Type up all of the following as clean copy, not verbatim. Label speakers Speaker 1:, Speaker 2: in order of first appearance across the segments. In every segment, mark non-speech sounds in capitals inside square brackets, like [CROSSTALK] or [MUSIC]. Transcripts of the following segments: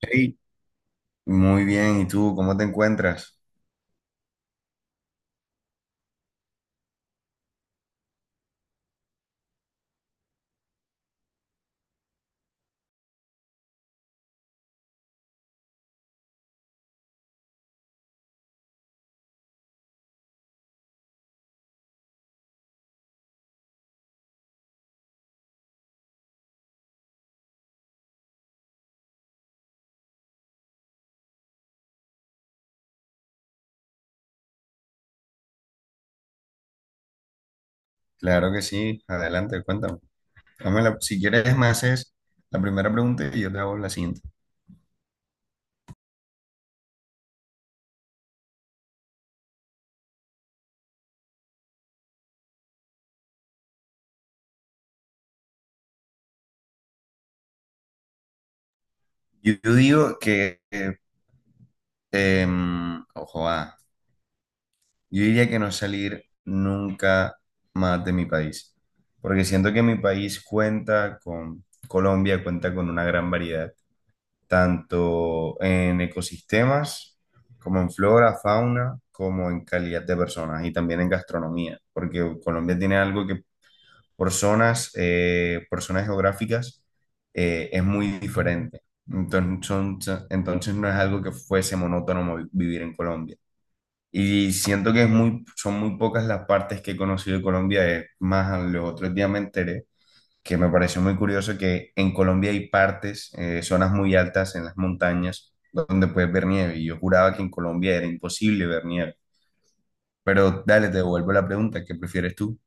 Speaker 1: Hey, muy bien, ¿y tú cómo te encuentras? Claro que sí, adelante, cuéntame. Dame la- si quieres, me haces la primera pregunta y yo te hago la siguiente. Yo digo que, ojo, yo diría que no salir nunca más de mi país, porque siento que mi país cuenta con, Colombia cuenta con una gran variedad tanto en ecosistemas, como en flora, fauna, como en calidad de personas y también en gastronomía, porque Colombia tiene algo que por zonas geográficas es muy diferente. Entonces, son- entonces no es algo que fuese monótono vivir en Colombia. Y siento que es muy, son muy pocas las partes que he conocido de Colombia, es más, los otros días me enteré que me pareció muy curioso que en Colombia hay partes, zonas muy altas en las montañas donde puedes ver nieve. Y yo juraba que en Colombia era imposible ver nieve. Pero dale, te devuelvo la pregunta, ¿qué prefieres tú?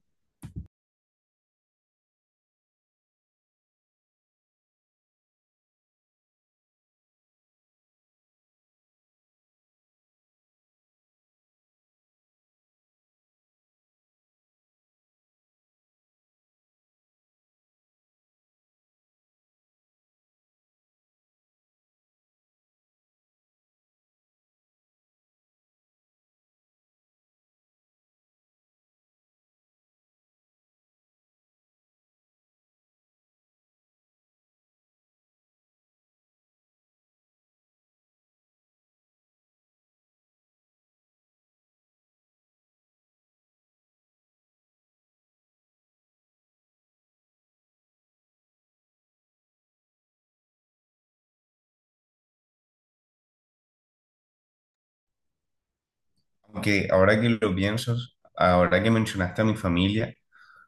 Speaker 1: Aunque ahora que lo pienso, ahora que mencionaste a mi familia,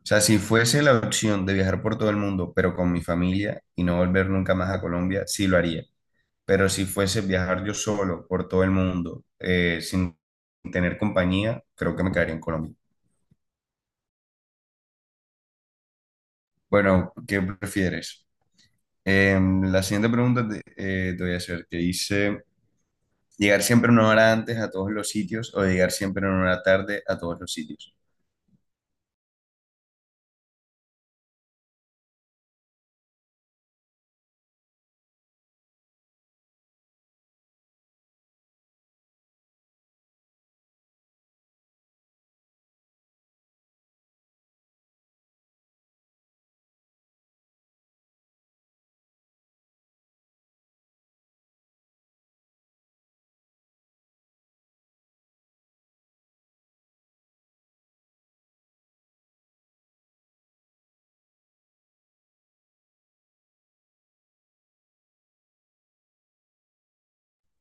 Speaker 1: o sea, si fuese la opción de viajar por todo el mundo, pero con mi familia y no volver nunca más a Colombia, sí lo haría. Pero si fuese viajar yo solo por todo el mundo, sin tener compañía, creo que me quedaría en Colombia. Bueno, ¿qué prefieres? La siguiente pregunta te, te voy a hacer, que dice, ¿llegar siempre una hora antes a todos los sitios o llegar siempre una hora tarde a todos los sitios?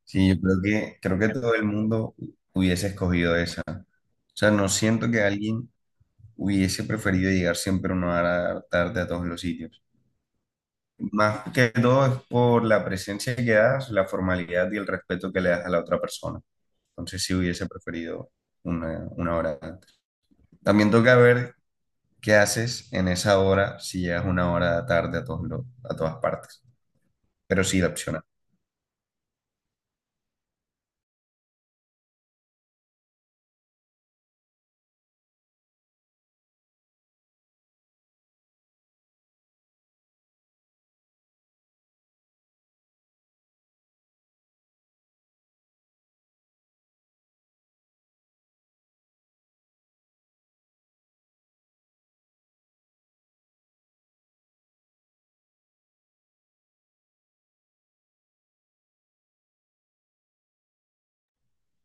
Speaker 1: Sí, yo creo que todo el mundo hubiese escogido esa. O sea, no siento que alguien hubiese preferido llegar siempre una hora tarde a todos los sitios. Más que todo es por la presencia que das, la formalidad y el respeto que le das a la otra persona. Entonces sí hubiese preferido una hora antes. También toca ver ¿qué haces en esa hora si llegas una hora tarde a, todos los- a todas partes? Pero sí, la opción A.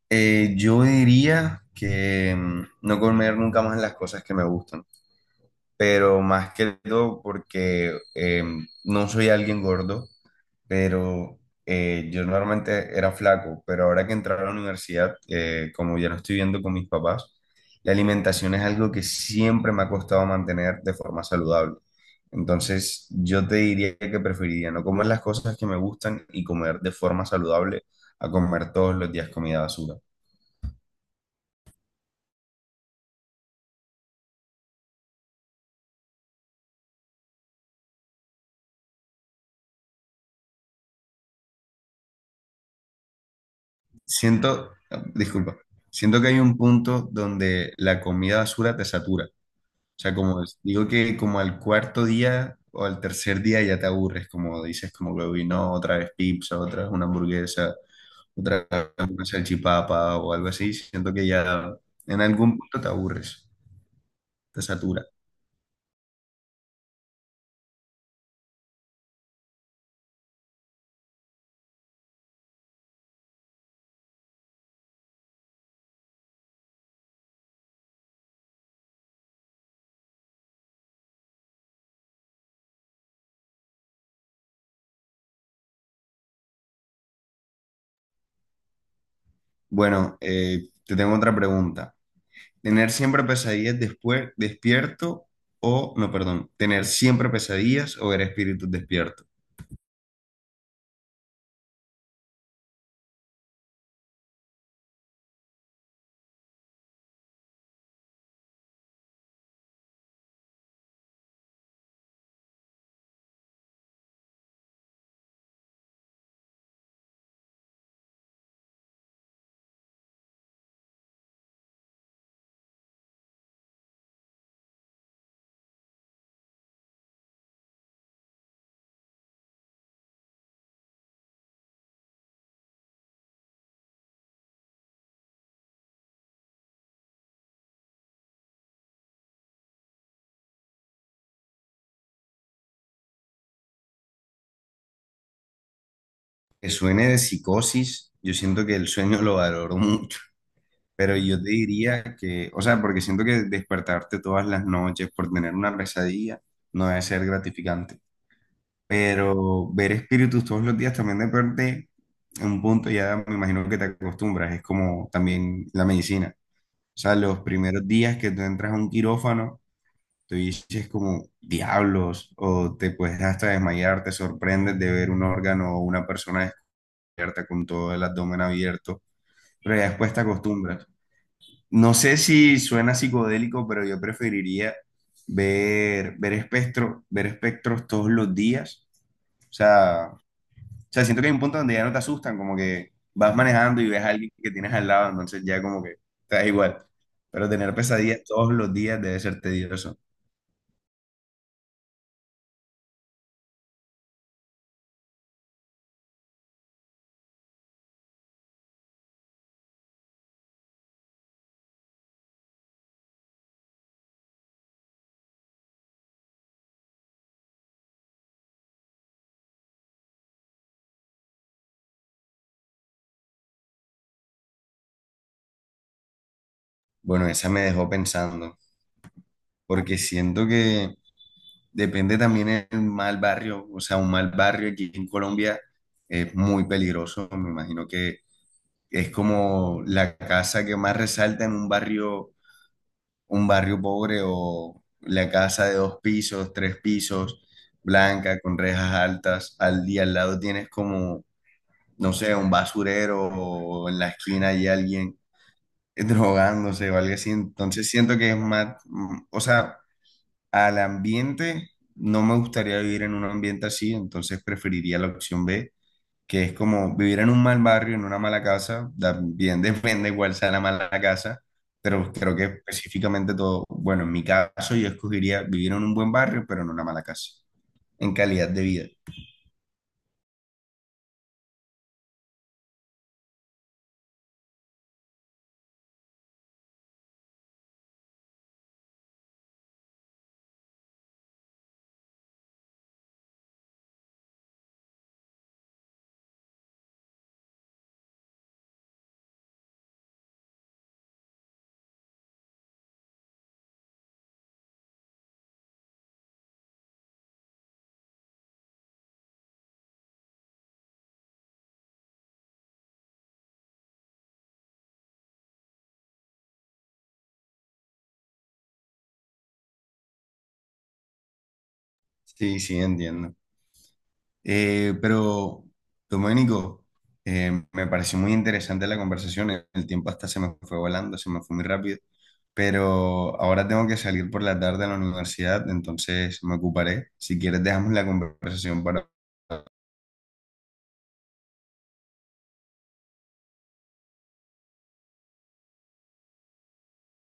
Speaker 1: Yo diría que no comer nunca más las cosas que me gustan, pero más que todo porque no soy alguien gordo, pero yo normalmente era flaco, pero ahora que entré a la universidad, como ya no estoy viviendo con mis papás, la alimentación es algo que siempre me ha costado mantener de forma saludable. Entonces, yo te diría que preferiría no comer las cosas que me gustan y comer de forma saludable a comer todos los días comida basura. Siento, disculpa, siento que hay un punto donde la comida basura te satura. O sea, digo que como al cuarto día o al tercer día ya te aburres, como dices, como que "Uy, no, otra vez pizza, otra vez una hamburguesa, otra vez una salchipapa o algo así", siento que ya en algún punto te aburres, te satura. Bueno, te tengo otra pregunta. ¿Tener siempre pesadillas después despierto o, no, perdón, tener siempre pesadillas o ver espíritus despierto? Que suene de psicosis, yo siento que el sueño lo valoro [LAUGHS] mucho. Pero yo te diría que, o sea, porque siento que despertarte todas las noches por tener una pesadilla no debe ser gratificante. Pero ver espíritus todos los días también de en un punto ya me imagino que te acostumbras. Es como también la medicina. O sea, los primeros días que tú entras a un quirófano, tú dices como diablos, o te puedes hasta desmayar, te sorprendes de ver un órgano o una persona descubierta con todo el abdomen abierto. Pero ya después te acostumbras. No sé si suena psicodélico, pero yo preferiría ver espectros todos los días. O sea, siento que hay un punto donde ya no te asustan, como que vas manejando y ves a alguien que tienes al lado, entonces ya como que te da igual. Pero tener pesadillas todos los días debe ser tedioso. Bueno, esa me dejó pensando, porque siento que depende también el mal barrio. O sea, un mal barrio aquí en Colombia es muy peligroso. Me imagino que es como la casa que más resalta en un barrio pobre o la casa de dos pisos, tres pisos, blanca, con rejas altas. Al día al lado tienes como, no sé, un basurero o en la esquina hay alguien drogándose o algo así. Entonces siento que es más, o sea, al ambiente, no me gustaría vivir en un ambiente así, entonces preferiría la opción B que es como vivir en un mal barrio, en una mala casa, también [LAUGHS] depende cuál sea la mala casa, pero creo que específicamente todo, bueno, en mi caso yo escogería vivir en un buen barrio, pero en una mala casa, en calidad de vida. Sí, sí, entiendo. Pero, Domenico, me pareció muy interesante la conversación, el tiempo hasta se me fue volando, se me fue muy rápido. Pero ahora tengo que salir por la tarde a la universidad, entonces me ocuparé. Si quieres, dejamos la conversación para